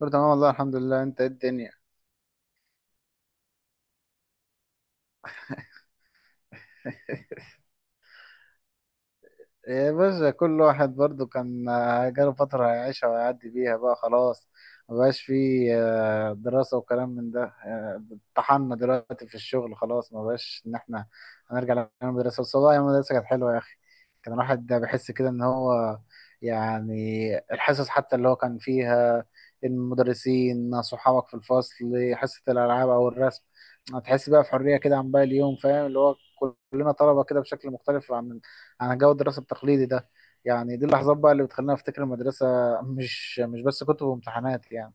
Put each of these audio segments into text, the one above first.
كله تمام، والله الحمد لله. انت ايه الدنيا؟ يا باشا، كل واحد برضو كان جاله فترة هيعيشها ويعدي بيها بقى خلاص. مبقاش فيه دراسة وكلام من ده. طحنا دلوقتي في الشغل خلاص، مبقاش إن إحنا هنرجع للمدرسة. بس والله، أيام المدرسة كانت حلوة يا أخي. كان الواحد ده بيحس كده إن هو، يعني، الحصص حتى اللي هو كان فيها، المدرسين صحابك في الفصل، حصة الألعاب أو الرسم، هتحس بقى في حرية كده عن باقي اليوم. فاهم اللي هو كلنا طلبة كده، بشكل مختلف عن جو الدراسة التقليدي ده. يعني دي اللحظات بقى اللي بتخليني افتكر المدرسة، مش بس كتب وامتحانات يعني.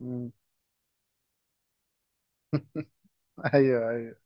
مم. ايوه، ايوه.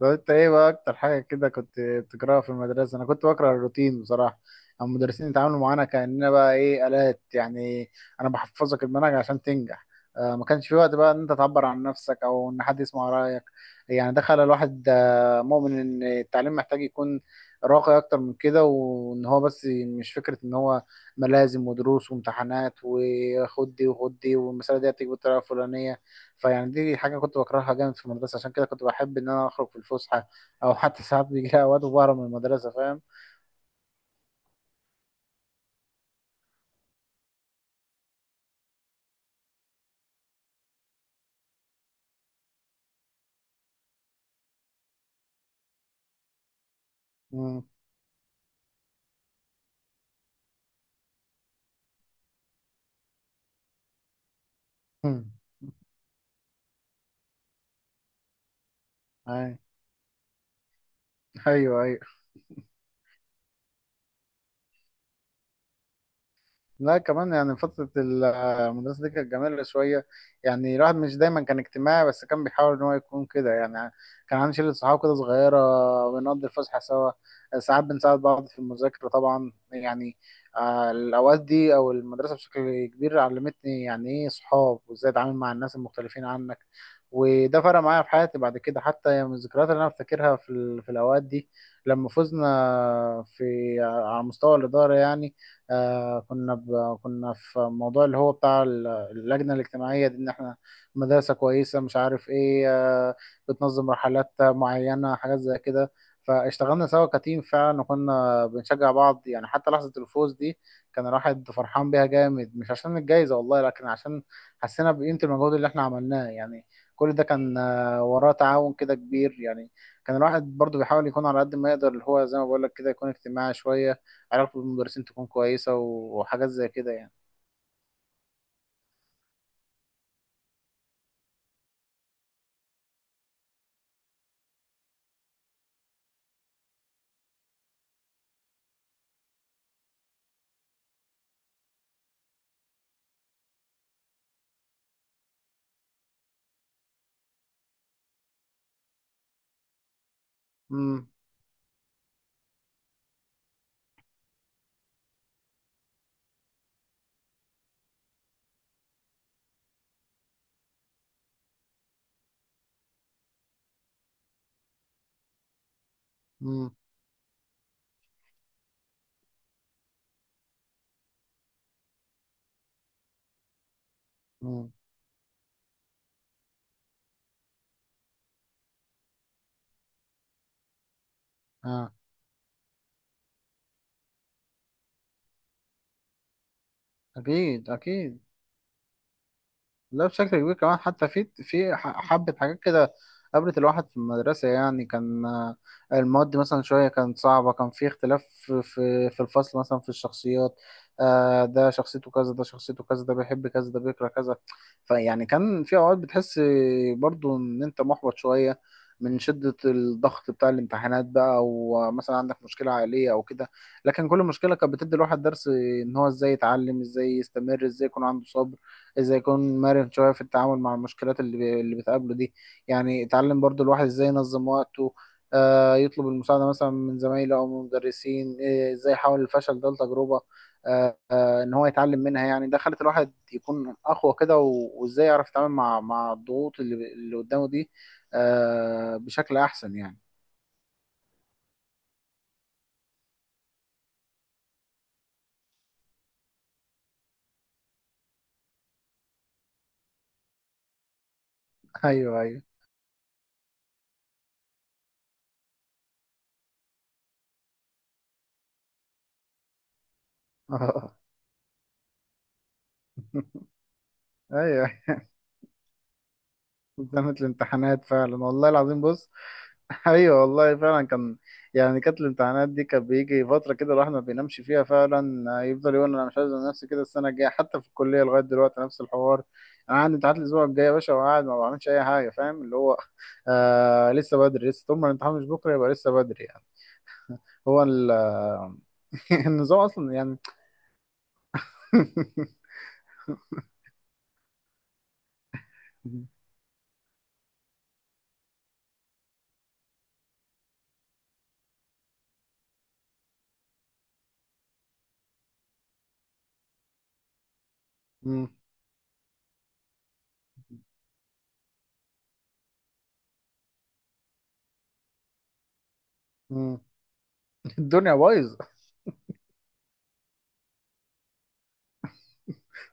طب انت ايه بقى اكتر حاجه كده كنت بتكرهها في المدرسه؟ انا كنت بكره الروتين بصراحه. أما المدرسين يتعاملوا معانا كاننا بقى ايه، الات يعني. انا بحفظك المنهج عشان تنجح. ما كانش في وقت بقى ان انت تعبر عن نفسك، او ان حد يسمع رايك. يعني ده خلى الواحد مؤمن ان التعليم محتاج يكون راقي اكتر من كده، وان هو بس مش فكره ان هو ملازم ودروس وامتحانات وخد دي وخد دي، والمساله دي هتيجي بالطريقه الفلانيه. فيعني دي حاجة كنت بكرهها جامد في المدرسة. عشان كده كنت بحب إن أنا أخرج في الفسحة، أو حتى ساعات بيجي لي أوقات وبهرب من المدرسة. فاهم؟ مم. مم. أي- أيوه، أيوه. لا كمان، يعني فترة المدرسة دي كانت جميلة شوية. يعني الواحد مش دايما كان اجتماعي، بس كان بيحاول إن هو يكون كده يعني. كان عندي شلة صحاب كده صغيرة، بنقضي الفسحة سوا، ساعات بنساعد بعض في المذاكرة طبعا يعني. الأوقات دي أو المدرسة بشكل كبير علمتني يعني إيه صحاب، وإزاي أتعامل مع الناس المختلفين عنك. وده فرق معايا في حياتي بعد كده، حتى يعني من الذكريات اللي أنا بفتكرها في في الأوقات دي لما فزنا في على مستوى الإدارة يعني. كنا كنا في موضوع اللي هو بتاع اللجنة الاجتماعية دي، ان احنا مدرسة كويسة مش عارف ايه. بتنظم رحلات معينة، حاجات زي كده. فاشتغلنا سوا كتيم فعلا، وكنا بنشجع بعض يعني. حتى لحظة الفوز دي كان الواحد فرحان بيها جامد، مش عشان الجايزة والله، لكن عشان حسينا بقيمة المجهود اللي احنا عملناه يعني. كل ده كان وراه تعاون كده كبير يعني. كان الواحد برضو بيحاول يكون على قد ما يقدر، اللي هو زي ما بقول لك كده يكون اجتماعي شوية، علاقته بالمدرسين تكون كويسة، وحاجات زي كده يعني. امم، امم، امم، اه. اكيد، اكيد. لا بشكل كبير كمان، حتى في حبة حاجات كده. قابلت الواحد في المدرسة يعني كان المواد مثلا شوية كانت صعبة. كان في اختلاف في الفصل مثلا في الشخصيات. ده شخصيته كذا، ده شخصيته كذا، ده بيحب كذا، ده بيكره كذا. فيعني كان في أوقات بتحس برضو إن أنت محبط شوية من شدة الضغط بتاع الامتحانات بقى، أو مثلا عندك مشكلة عائلية أو كده. لكن كل مشكلة كانت بتدي الواحد درس، إن هو إزاي يتعلم، إزاي يستمر، إزاي يكون عنده صبر، ازاي يكون مرن شويه في التعامل مع المشكلات اللي بتقابله دي. يعني اتعلم برضو الواحد ازاي ينظم وقته، يطلب المساعده مثلا من زمايله او من مدرسين، ازاي يحول الفشل ده لتجربه، ان هو يتعلم منها. يعني ده خلت الواحد يكون اقوى كده، وازاي يعرف يتعامل مع الضغوط اللي قدامه دي، بشكل احسن يعني. ايوه، ايوه. ايوه، زنقة الامتحانات فعلا والله العظيم. بص، ايوه والله فعلا كان، يعني كانت الامتحانات دي كان بيجي فتره كده الواحد ما بينامش فيها فعلا. يفضل يقول انا مش عايز أنام، نفسي كده السنه الجايه. حتى في الكليه لغايه دلوقتي نفس الحوار، انا عندي امتحانات الاسبوع الجاي يا باشا وقاعد ما بعملش اي حاجه. فاهم اللي هو، لسه بدري، لسه طول ما الامتحان مش بكره يبقى لسه بدري يعني. هو ال- النظام اصلا يعني. مم. مم. الدنيا بايظه.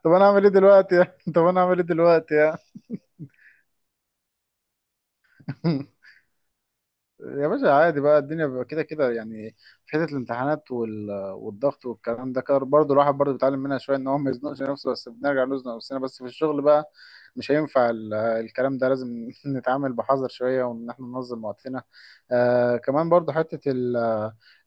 طب انا اعمل ايه دلوقتي؟ طب انا اعمل ايه دلوقتي يعني؟ يا باشا عادي بقى، الدنيا بيبقى كده كده يعني. في حته الامتحانات والضغط والكلام ده كده برضه، الواحد برضه بيتعلم منها شويه ان هو ما يزنقش نفسه. بس بنرجع نزنق نفسنا بس في الشغل بقى. مش هينفع الكلام ده. لازم نتعامل بحذر شويه، وان احنا ننظم وقتنا. كمان برضه حته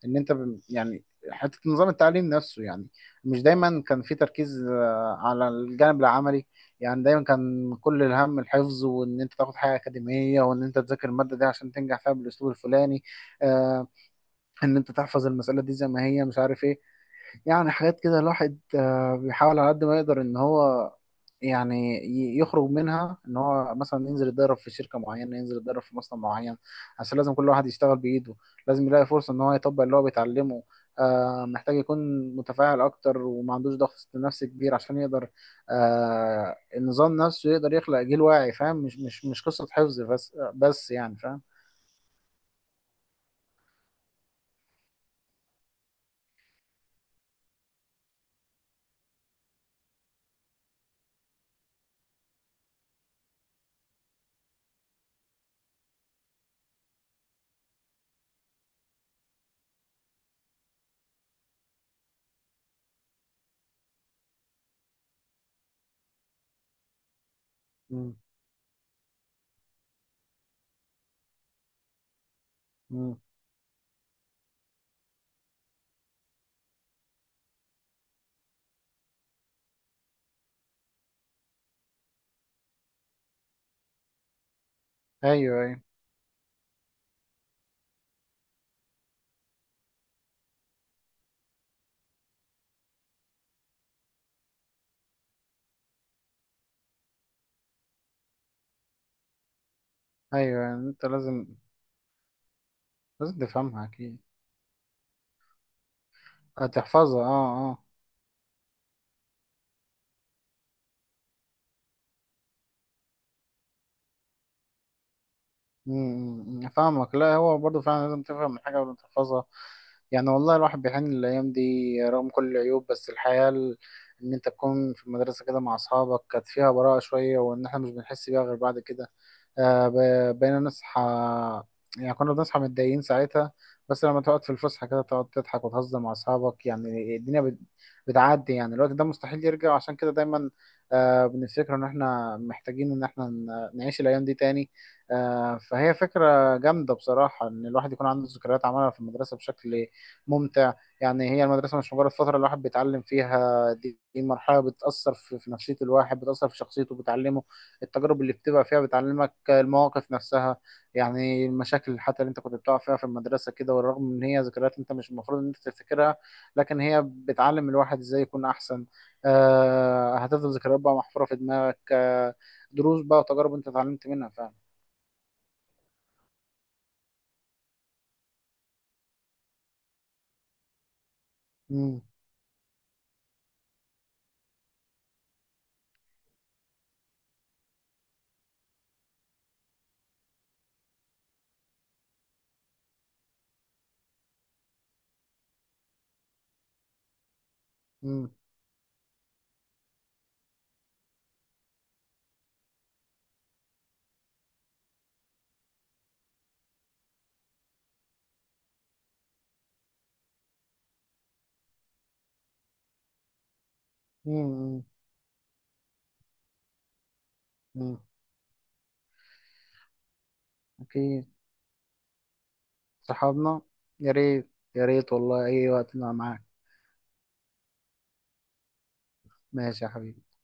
ان انت يعني حته نظام التعليم نفسه يعني. مش دايما كان في تركيز على الجانب العملي. يعني دايما كان كل الهم الحفظ، وان انت تاخد حاجه اكاديميه، وان انت تذاكر الماده دي عشان تنجح فيها بالاسلوب الفلاني. آه ان انت تحفظ المساله دي زي ما هي مش عارف ايه. يعني حاجات كده الواحد بيحاول على قد ما يقدر ان هو، يعني، يخرج منها. ان هو مثلا ينزل يتدرب في شركة معينة، ينزل يتدرب في مصنع معين، عشان لازم كل واحد يشتغل بإيده. لازم يلاقي فرصة ان هو يطبق اللي هو بيتعلمه. محتاج يكون متفاعل اكتر، وما عندوش ضغط نفسي كبير، عشان يقدر النظام نفسه يقدر يخلق جيل واعي فاهم. مش قصة حفظ بس بس يعني فاهم. مم. مم. ايوه، ايوه، ايوه. يعني انت لازم، لازم تفهمها اكيد هتحفظها، اه، اه. أمم، فاهمك. لا هو برضه فعلا لازم تفهم الحاجة قبل ما تحفظها. يعني والله الواحد بيحن للأيام دي، رغم كل العيوب. بس الحياة إن أنت تكون في المدرسة كده مع أصحابك كانت فيها براءة شوية، وإن إحنا مش بنحس بيها غير بعد كده. بقينا نصحى. يعني كنا بنصحى متضايقين ساعتها، بس لما تقعد في الفسحة كده تقعد تضحك وتهزر مع أصحابك يعني الدنيا بتعدي يعني. الوقت ده مستحيل يرجع، عشان كده دايما بنفتكر إن إحنا محتاجين إن إحنا نعيش الأيام دي تاني. فهي فكرة جامدة بصراحة إن الواحد يكون عنده ذكريات عملها في المدرسة بشكل ممتع. يعني هي المدرسة مش مجرد فترة الواحد بيتعلم فيها، دي مرحلة بتأثر في نفسية الواحد، بتأثر في شخصيته، بتعلمه. التجارب اللي بتبقى فيها بتعلمك المواقف نفسها. يعني المشاكل حتى اللي انت كنت بتقع فيها في المدرسة كده، والرغم من هي ذكريات انت مش المفروض ان انت تفتكرها، لكن هي بتعلم الواحد ازاي يكون احسن. هتفضل ذكريات بقى محفورة في دماغك. دروس بقى وتجارب انت اتعلمت منها فعلا. مم. مم. مم. مم. اكيد. صحابنا. يا ريت. يا ريت والله، اي وقت انا معاك. ماشي يا حبيبي.